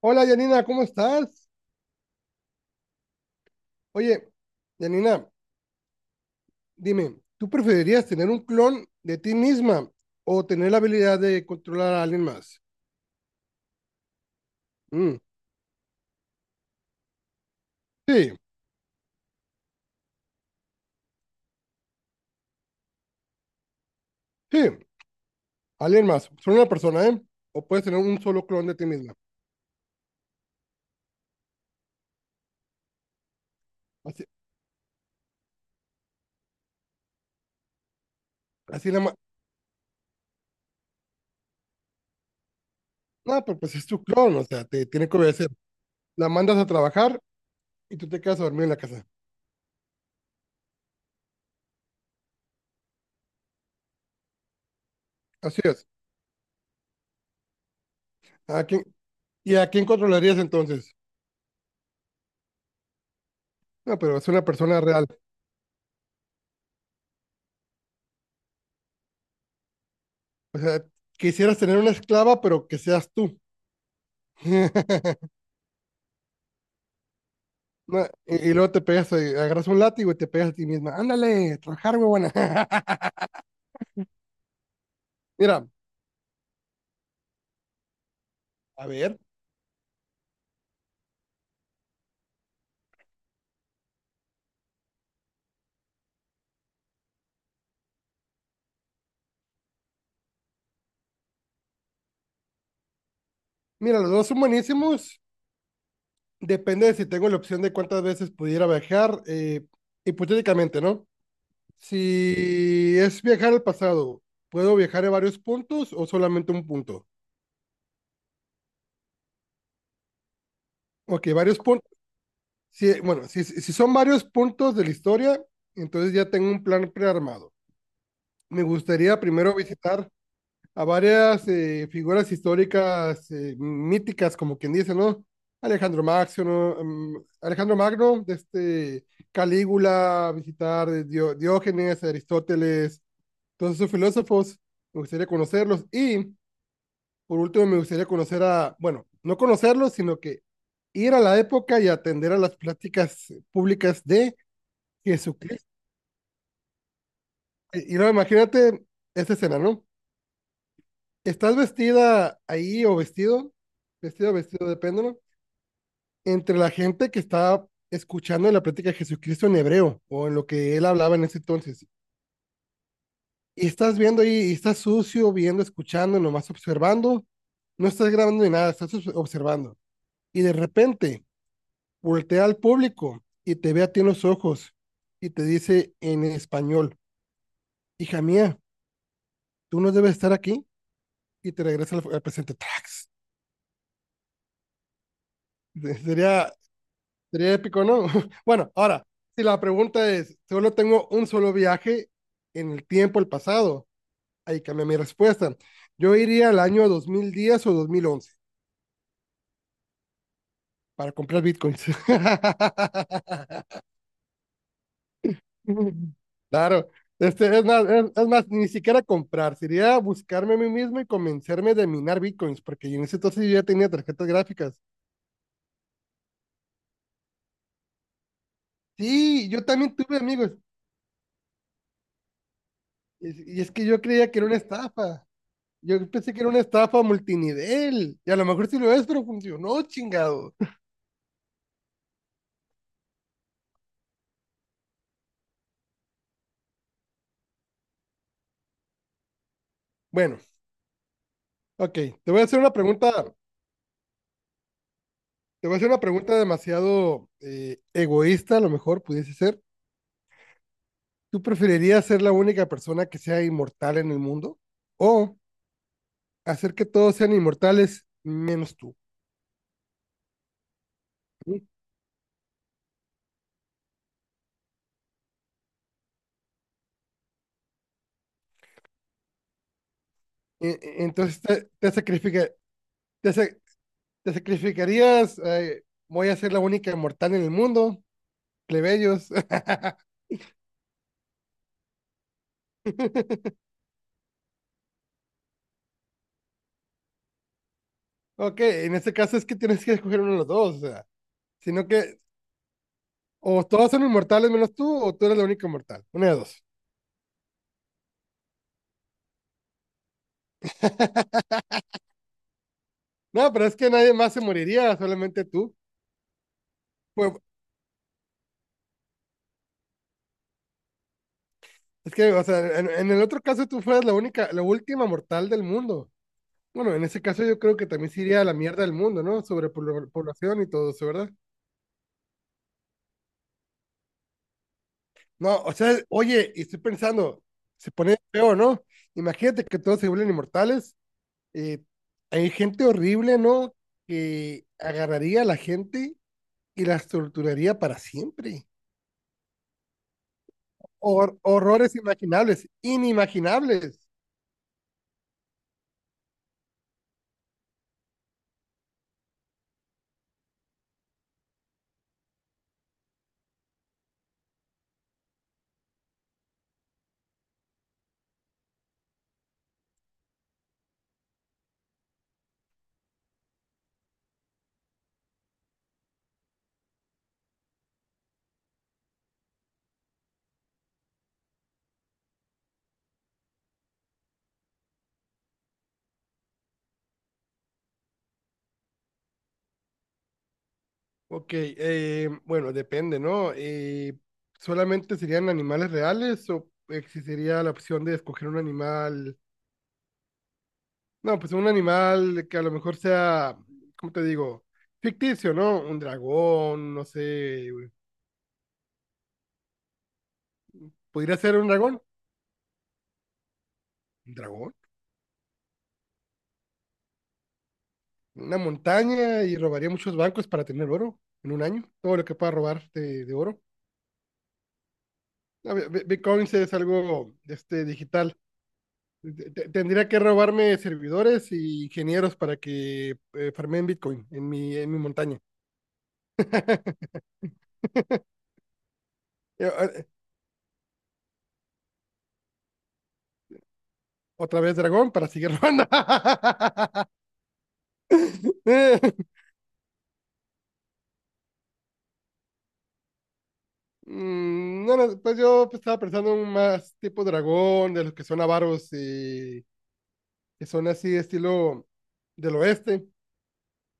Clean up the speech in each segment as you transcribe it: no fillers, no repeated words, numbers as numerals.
Hola Yanina, ¿cómo estás? Oye, Yanina, dime, ¿tú preferirías tener un clon de ti misma o tener la habilidad de controlar a alguien más? Mm, sí, sí, alguien más, solo una persona, ¿eh? O puedes tener un solo clon de ti misma. Así, así la ma- no, pero pues es tu clon, o sea, te tiene que obedecer. La mandas a trabajar y tú te quedas a dormir en la casa. Así es. ¿A quién, y a quién controlarías entonces? No, pero es una persona real. O sea, quisieras tener una esclava, pero que seas tú. No, y luego te pegas, agarras un látigo y te pegas a ti misma. Ándale, trabajar, huevona. Mira, a ver. Mira, los dos son buenísimos. Depende de si tengo la opción de cuántas veces pudiera viajar. Hipotéticamente, ¿no? Si es viajar al pasado, ¿puedo viajar a varios puntos o solamente un punto? Ok, varios puntos. Si, bueno, si, si son varios puntos de la historia, entonces ya tengo un plan prearmado. Me gustaría primero visitar a varias figuras históricas míticas, como quien dice, ¿no? Alejandro Magno, ¿no? Mm, Alejandro Magno, de este Calígula, visitar Diógenes, Aristóteles, todos esos filósofos, me gustaría conocerlos. Y por último, me gustaría conocer a, bueno, no conocerlos, sino que ir a la época y atender a las pláticas públicas de Jesucristo. Y no, imagínate esta escena, ¿no? Estás vestida ahí o vestido, vestido, vestido, depende, ¿no? Entre la gente que está escuchando la plática de Jesucristo en hebreo o en lo que él hablaba en ese entonces. Y estás viendo ahí, y estás sucio, viendo, escuchando, nomás observando. No estás grabando ni nada, estás observando. Y de repente voltea al público y te ve a ti en los ojos y te dice en español, hija mía, tú no debes estar aquí. Y te regresa al, al presente. Trax. Sería, sería épico, ¿no? Bueno, ahora, si la pregunta es, solo tengo un solo viaje en el tiempo, el pasado, ahí cambia mi respuesta. Yo iría al año 2010 o 2011 para comprar bitcoins. Claro, este, es más, ni siquiera comprar, sería buscarme a mí mismo y convencerme de minar bitcoins, porque en ese entonces yo ya tenía tarjetas gráficas. Sí, yo también tuve amigos, y es que yo creía que era una estafa. Yo pensé que era una estafa multinivel. Y a lo mejor sí lo es, pero funcionó, chingado. Bueno, ok. Te voy a hacer una pregunta. Te voy a hacer una pregunta demasiado egoísta, a lo mejor pudiese ser. ¿Tú preferirías ser la única persona que sea inmortal en el mundo? ¿O hacer que todos sean inmortales menos tú? ¿Sí? Entonces te sa- te sacrificarías. Voy a ser la única inmortal en el mundo. Plebeyos. Ok, en este caso es que tienes que escoger uno de los dos, o sea, sino que o todos son inmortales menos tú, o tú eres la única inmortal, una de dos. No, pero es que nadie más se moriría, solamente tú. Pues, es que, o sea, en el otro caso tú fueras la única, la última mortal del mundo. Bueno, en ese caso yo creo que también se iría a la mierda del mundo, ¿no? Población y todo eso, ¿verdad? No, o sea, oye, y estoy pensando, se pone feo, ¿no? Imagínate que todos se vuelven inmortales, eh, hay gente horrible, ¿no? Que agarraría a la gente y las torturaría para siempre. Horrores imaginables, inimaginables. Ok, bueno, depende, ¿no? ¿Solamente serían animales reales o existiría la opción de escoger un animal? No, pues un animal que a lo mejor sea, ¿cómo te digo? Ficticio, ¿no? Un dragón, no sé. ¿Podría ser un dragón? ¿Un dragón? Una montaña y robaría muchos bancos para tener oro en un año, todo lo que pueda robar de oro. No, Bitcoin es algo este, digital. Tendría que robarme servidores y ingenieros para que farmeen Bitcoin en mi montaña. Eh, ah, eh, Otra vez dragón para seguir robando. Eh, No, no, pues yo pues, estaba pensando en más tipo dragón, de los que son avaros, que son así estilo del oeste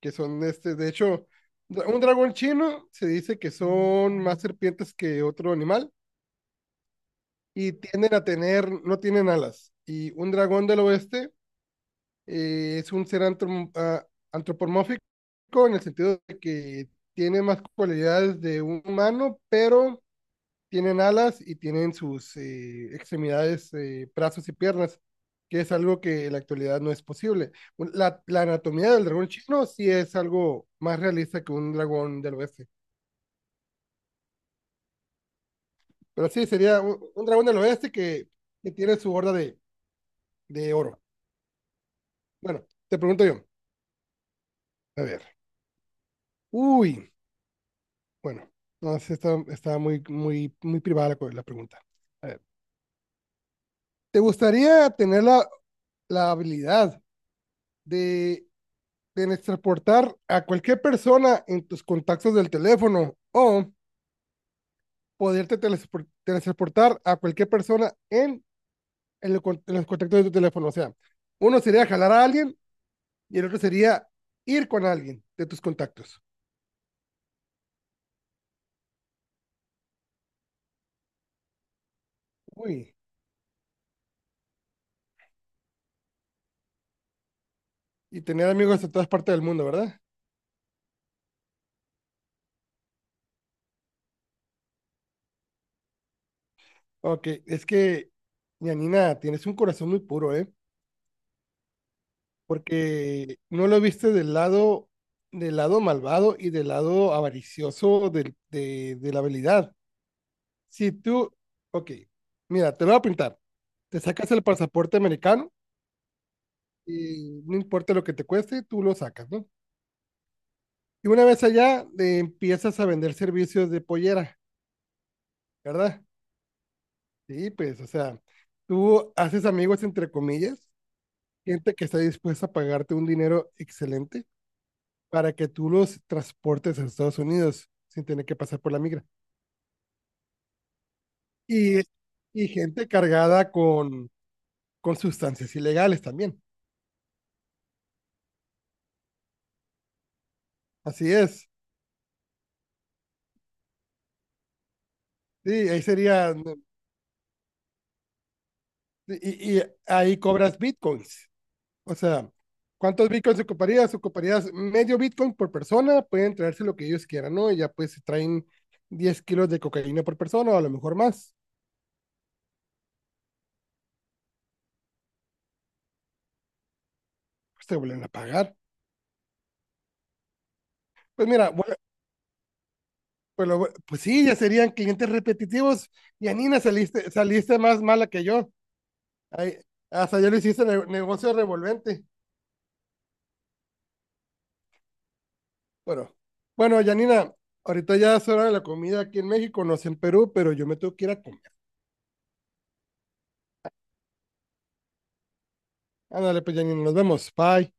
que son este, de hecho, un dragón chino se dice que son más serpientes que otro animal y tienden a tener, no tienen alas. Y un dragón del oeste es un ser antropomórfico en el sentido de que tiene más cualidades de un humano, pero tienen alas y tienen sus extremidades, brazos y piernas, que es algo que en la actualidad no es posible. La, la anatomía del dragón chino sí es algo más realista que un dragón del oeste. Pero sí, sería un dragón del oeste que tiene su horda de oro. Bueno, te pregunto yo. A ver. Uy, bueno, no sé, está, está muy, muy, muy privada la, la pregunta. A ver, ¿te gustaría tener la, la habilidad de Tienes transportar a cualquier persona en tus contactos del teléfono o teletransportar a cualquier persona en lo en los contactos de tu teléfono? O sea, uno sería jalar a alguien y el otro sería ir con alguien de tus contactos. Uy, y tener amigos de todas partes del mundo, ¿verdad? Ok, es que, Yanina, tienes un corazón muy puro, ¿eh? Porque no lo viste del lado malvado y del lado avaricioso de la habilidad. Si tú, ok, mira, te lo voy a pintar. Te sacas el pasaporte americano y no importa lo que te cueste, tú lo sacas, ¿no? Y una vez allá, empiezas a vender servicios de pollera, ¿verdad? Sí, pues, o sea, tú haces amigos, entre comillas, gente que está dispuesta a pagarte un dinero excelente para que tú los transportes a Estados Unidos sin tener que pasar por la migra. Y, y gente cargada con sustancias ilegales también. Así es. Sí, ahí sería, y ahí cobras bitcoins. O sea, ¿cuántos bitcoins ocuparías? Ocuparías medio bitcoin por persona, pueden traerse lo que ellos quieran, ¿no? Y ya pues se traen 10 kilos de cocaína por persona o a lo mejor más, pues te vuelven a pagar. Pues mira, bueno, pues, pues sí, ya serían clientes repetitivos. Yanina, saliste, saliste más mala que yo. Ahí, hasta ya lo hiciste negocio revolvente. Bueno, bueno, Yanina, ahorita ya es hora de la comida aquí en México, no sé en Perú, pero yo me tengo que ir a comer. Ándale, pues, Janine, nos vemos. Bye.